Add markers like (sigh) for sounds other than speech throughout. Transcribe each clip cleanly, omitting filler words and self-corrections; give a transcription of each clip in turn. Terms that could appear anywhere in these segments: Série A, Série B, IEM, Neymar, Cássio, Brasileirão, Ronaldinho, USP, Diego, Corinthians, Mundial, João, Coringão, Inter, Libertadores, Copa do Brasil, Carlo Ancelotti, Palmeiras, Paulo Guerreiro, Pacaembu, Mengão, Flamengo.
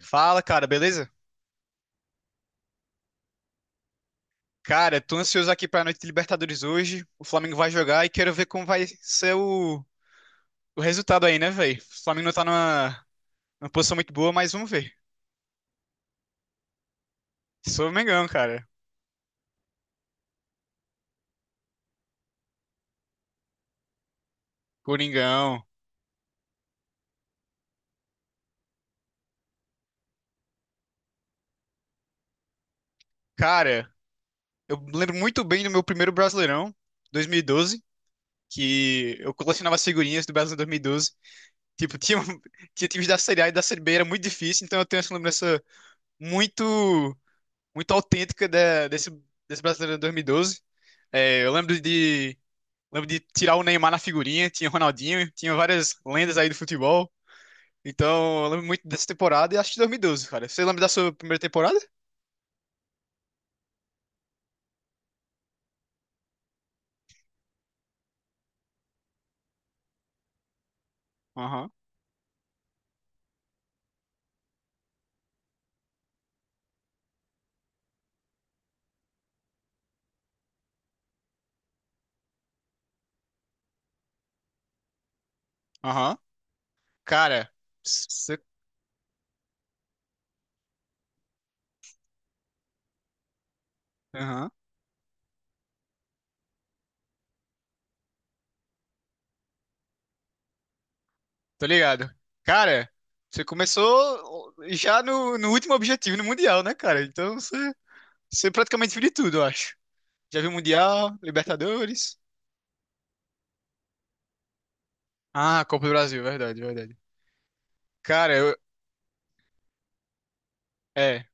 Fala, cara, beleza? Cara, tô ansioso aqui pra noite de Libertadores hoje. O Flamengo vai jogar e quero ver como vai ser o resultado aí, né, velho? O Flamengo não tá numa posição muito boa, mas vamos ver. Sou Mengão, cara. Coringão. Cara, eu lembro muito bem do meu primeiro Brasileirão, 2012, que eu colecionava figurinhas do Brasileirão 2012. Tipo, tinha, (laughs) tinha times da Série A e da Série B, era muito difícil, então eu tenho essa lembrança muito, muito autêntica desse Brasileirão 2012. É, eu lembro de tirar o Neymar na figurinha, tinha Ronaldinho, tinha várias lendas aí do futebol. Então, eu lembro muito dessa temporada e acho que 2012, cara. Você lembra da sua primeira temporada? Aham, aham. Cara, você. Aham, tô ligado. Cara, você começou já no último objetivo, no Mundial, né, cara? Então, você praticamente viu de tudo, eu acho. Já viu Mundial, Libertadores. Ah, Copa do Brasil, verdade, verdade. Cara, eu. É,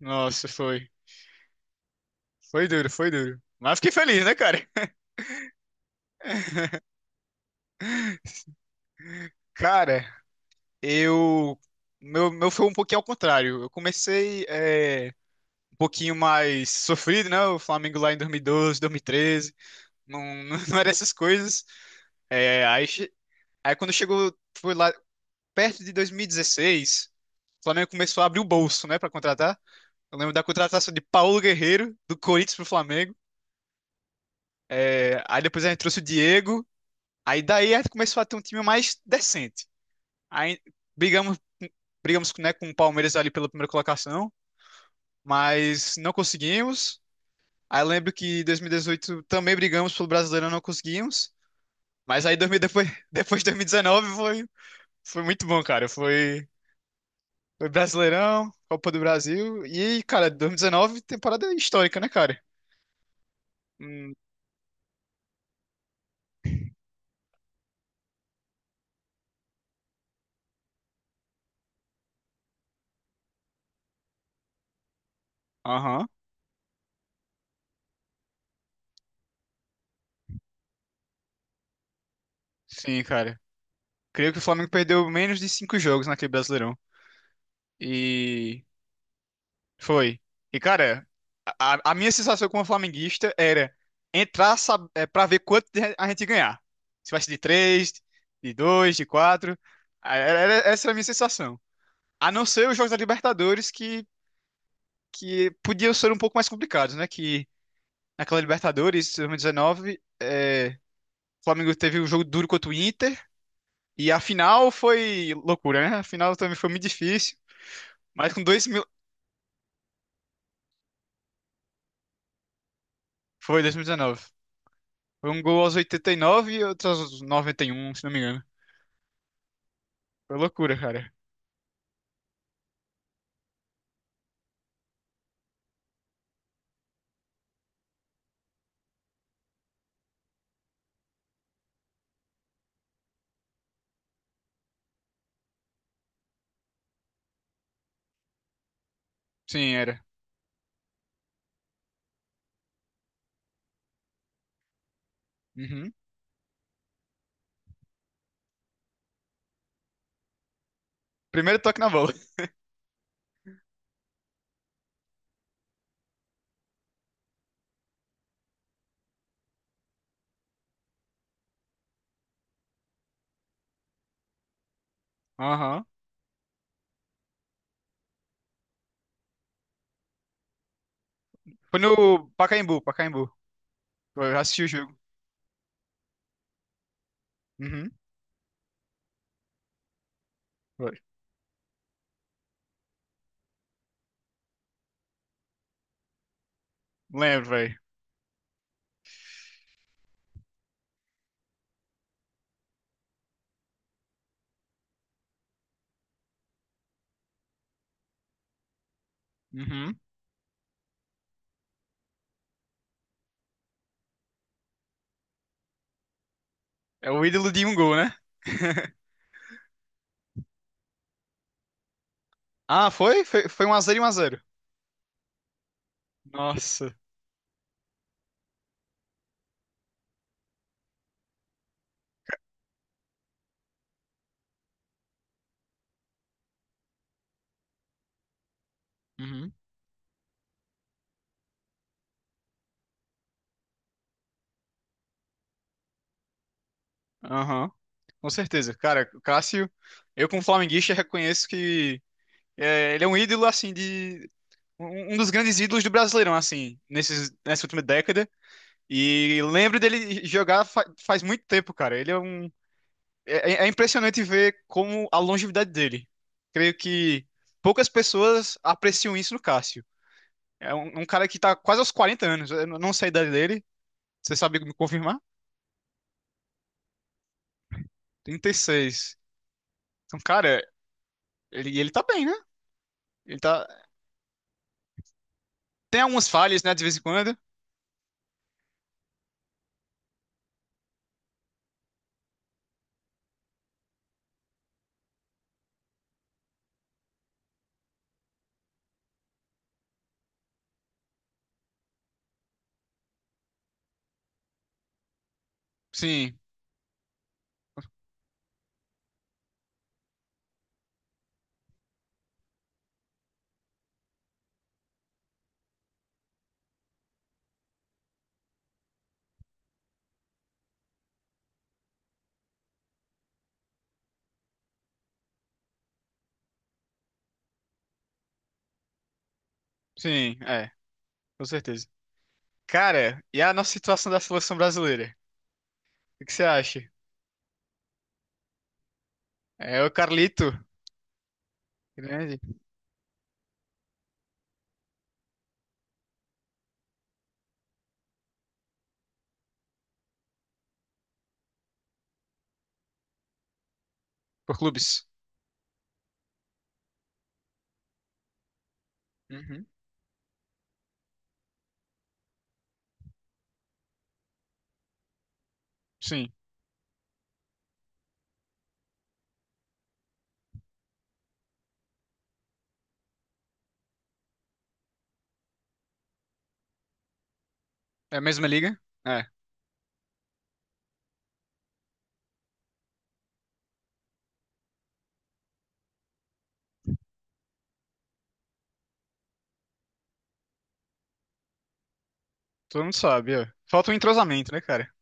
nossa, foi. Foi duro, foi duro. Mas fiquei feliz, né, cara? (laughs) Cara, eu. Meu foi um pouquinho ao contrário. Eu comecei um pouquinho mais sofrido, né? O Flamengo lá em 2012, 2013. Não, não, (laughs) não era essas coisas. É, aí quando chegou, foi lá perto de 2016, o Flamengo começou a abrir o bolso, né, pra contratar. Eu lembro da contratação de Paulo Guerreiro, do Corinthians pro Flamengo. É, aí depois a gente trouxe o Diego. Aí daí a gente começou a ter um time mais decente. Aí, brigamos, brigamos, né, com o Palmeiras ali pela primeira colocação, mas não conseguimos. Aí eu lembro que em 2018 também brigamos pelo Brasileirão, não conseguimos. Mas aí 2000 depois, (laughs) depois de 2019 foi muito bom, cara. Foi Brasileirão, Copa do Brasil. E, cara, 2019, temporada histórica, né, cara? Hum, Aham, sim, cara. Creio que o Flamengo perdeu menos de cinco jogos naquele Brasileirão. E foi. E, cara, a minha sensação como flamenguista era entrar pra ver quanto a gente ganhar. Se vai ser de três, de dois, de quatro. Ah, essa era a minha sensação. A não ser os jogos da Libertadores que podiam ser um pouco mais complicados, né? Que naquela Libertadores, 2019, o Flamengo teve um jogo duro contra o Inter. E a final foi loucura, né? A final também foi muito difícil. Mas com dois mil. Foi 2019. Foi um gol aos 89 e outro aos 91 se não me engano. Foi loucura, cara. Sim, era. Uhum. Primeiro toque na bola. (laughs) Aham. Foi no Pacaembu, Pacaembu. Eu assisti o jogo. Uhum. Foi. Lembro, velho. Uhum. É o ídolo de um gol, né? (laughs) Ah, foi? Foi um x 0 e um x 0. Nossa. Uhum. Aham. Com certeza. Cara, o Cássio, eu como flamenguista reconheço que ele é um ídolo, assim, de. Um dos grandes ídolos do Brasileirão, assim, nesses, nessa última década. E lembro dele jogar faz muito tempo, cara. Ele é um. É, é impressionante ver como a longevidade dele. Creio que poucas pessoas apreciam isso no Cássio. É um cara que tá quase aos 40 anos. Eu não sei a idade dele. Você sabe me confirmar? 36. Então, cara, ele tá bem, né? Ele tá. Tem algumas falhas, né, de vez em quando. Sim, sim, é, com certeza. Cara, e a nossa situação da seleção brasileira? O que que você acha? É o Carlito, grande, por clubes. Sim. É a mesma liga? É. Todo mundo sabe, ó. Falta um entrosamento, né, cara?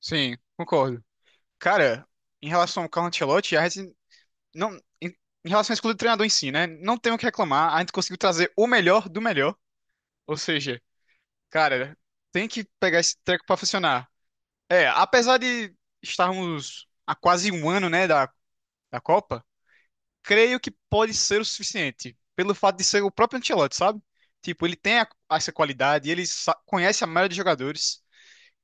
Sim, concordo. Cara, em relação ao Carlo Ancelotti, a gente não. Em, em relação à escolha do treinador em si, né? Não tem o que reclamar. A gente conseguiu trazer o melhor do melhor. Ou seja, cara, tem que pegar esse treco pra funcionar. É, apesar de estarmos há quase um ano, né, da Copa, creio que pode ser o suficiente. Pelo fato de ser o próprio Ancelotti, sabe? Tipo, ele tem essa qualidade, ele conhece a maioria dos jogadores.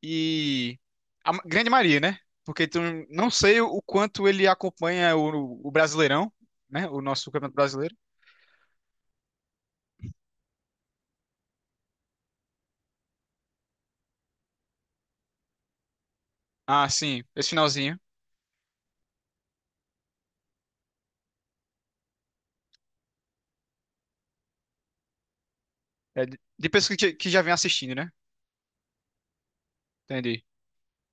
E a grande Maria, né? Porque não sei o quanto ele acompanha o Brasileirão, né? O nosso Campeonato Brasileiro. Ah, sim, esse finalzinho. É, de pessoas que já vem assistindo, né? Entendi.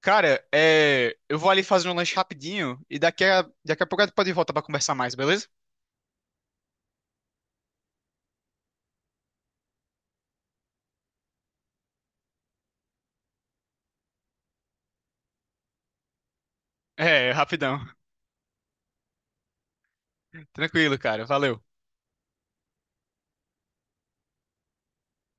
Cara, eu vou ali fazer um lanche rapidinho e daqui a pouco a gente pode voltar pra conversar mais, beleza? É, rapidão. (laughs) Tranquilo, cara. Valeu.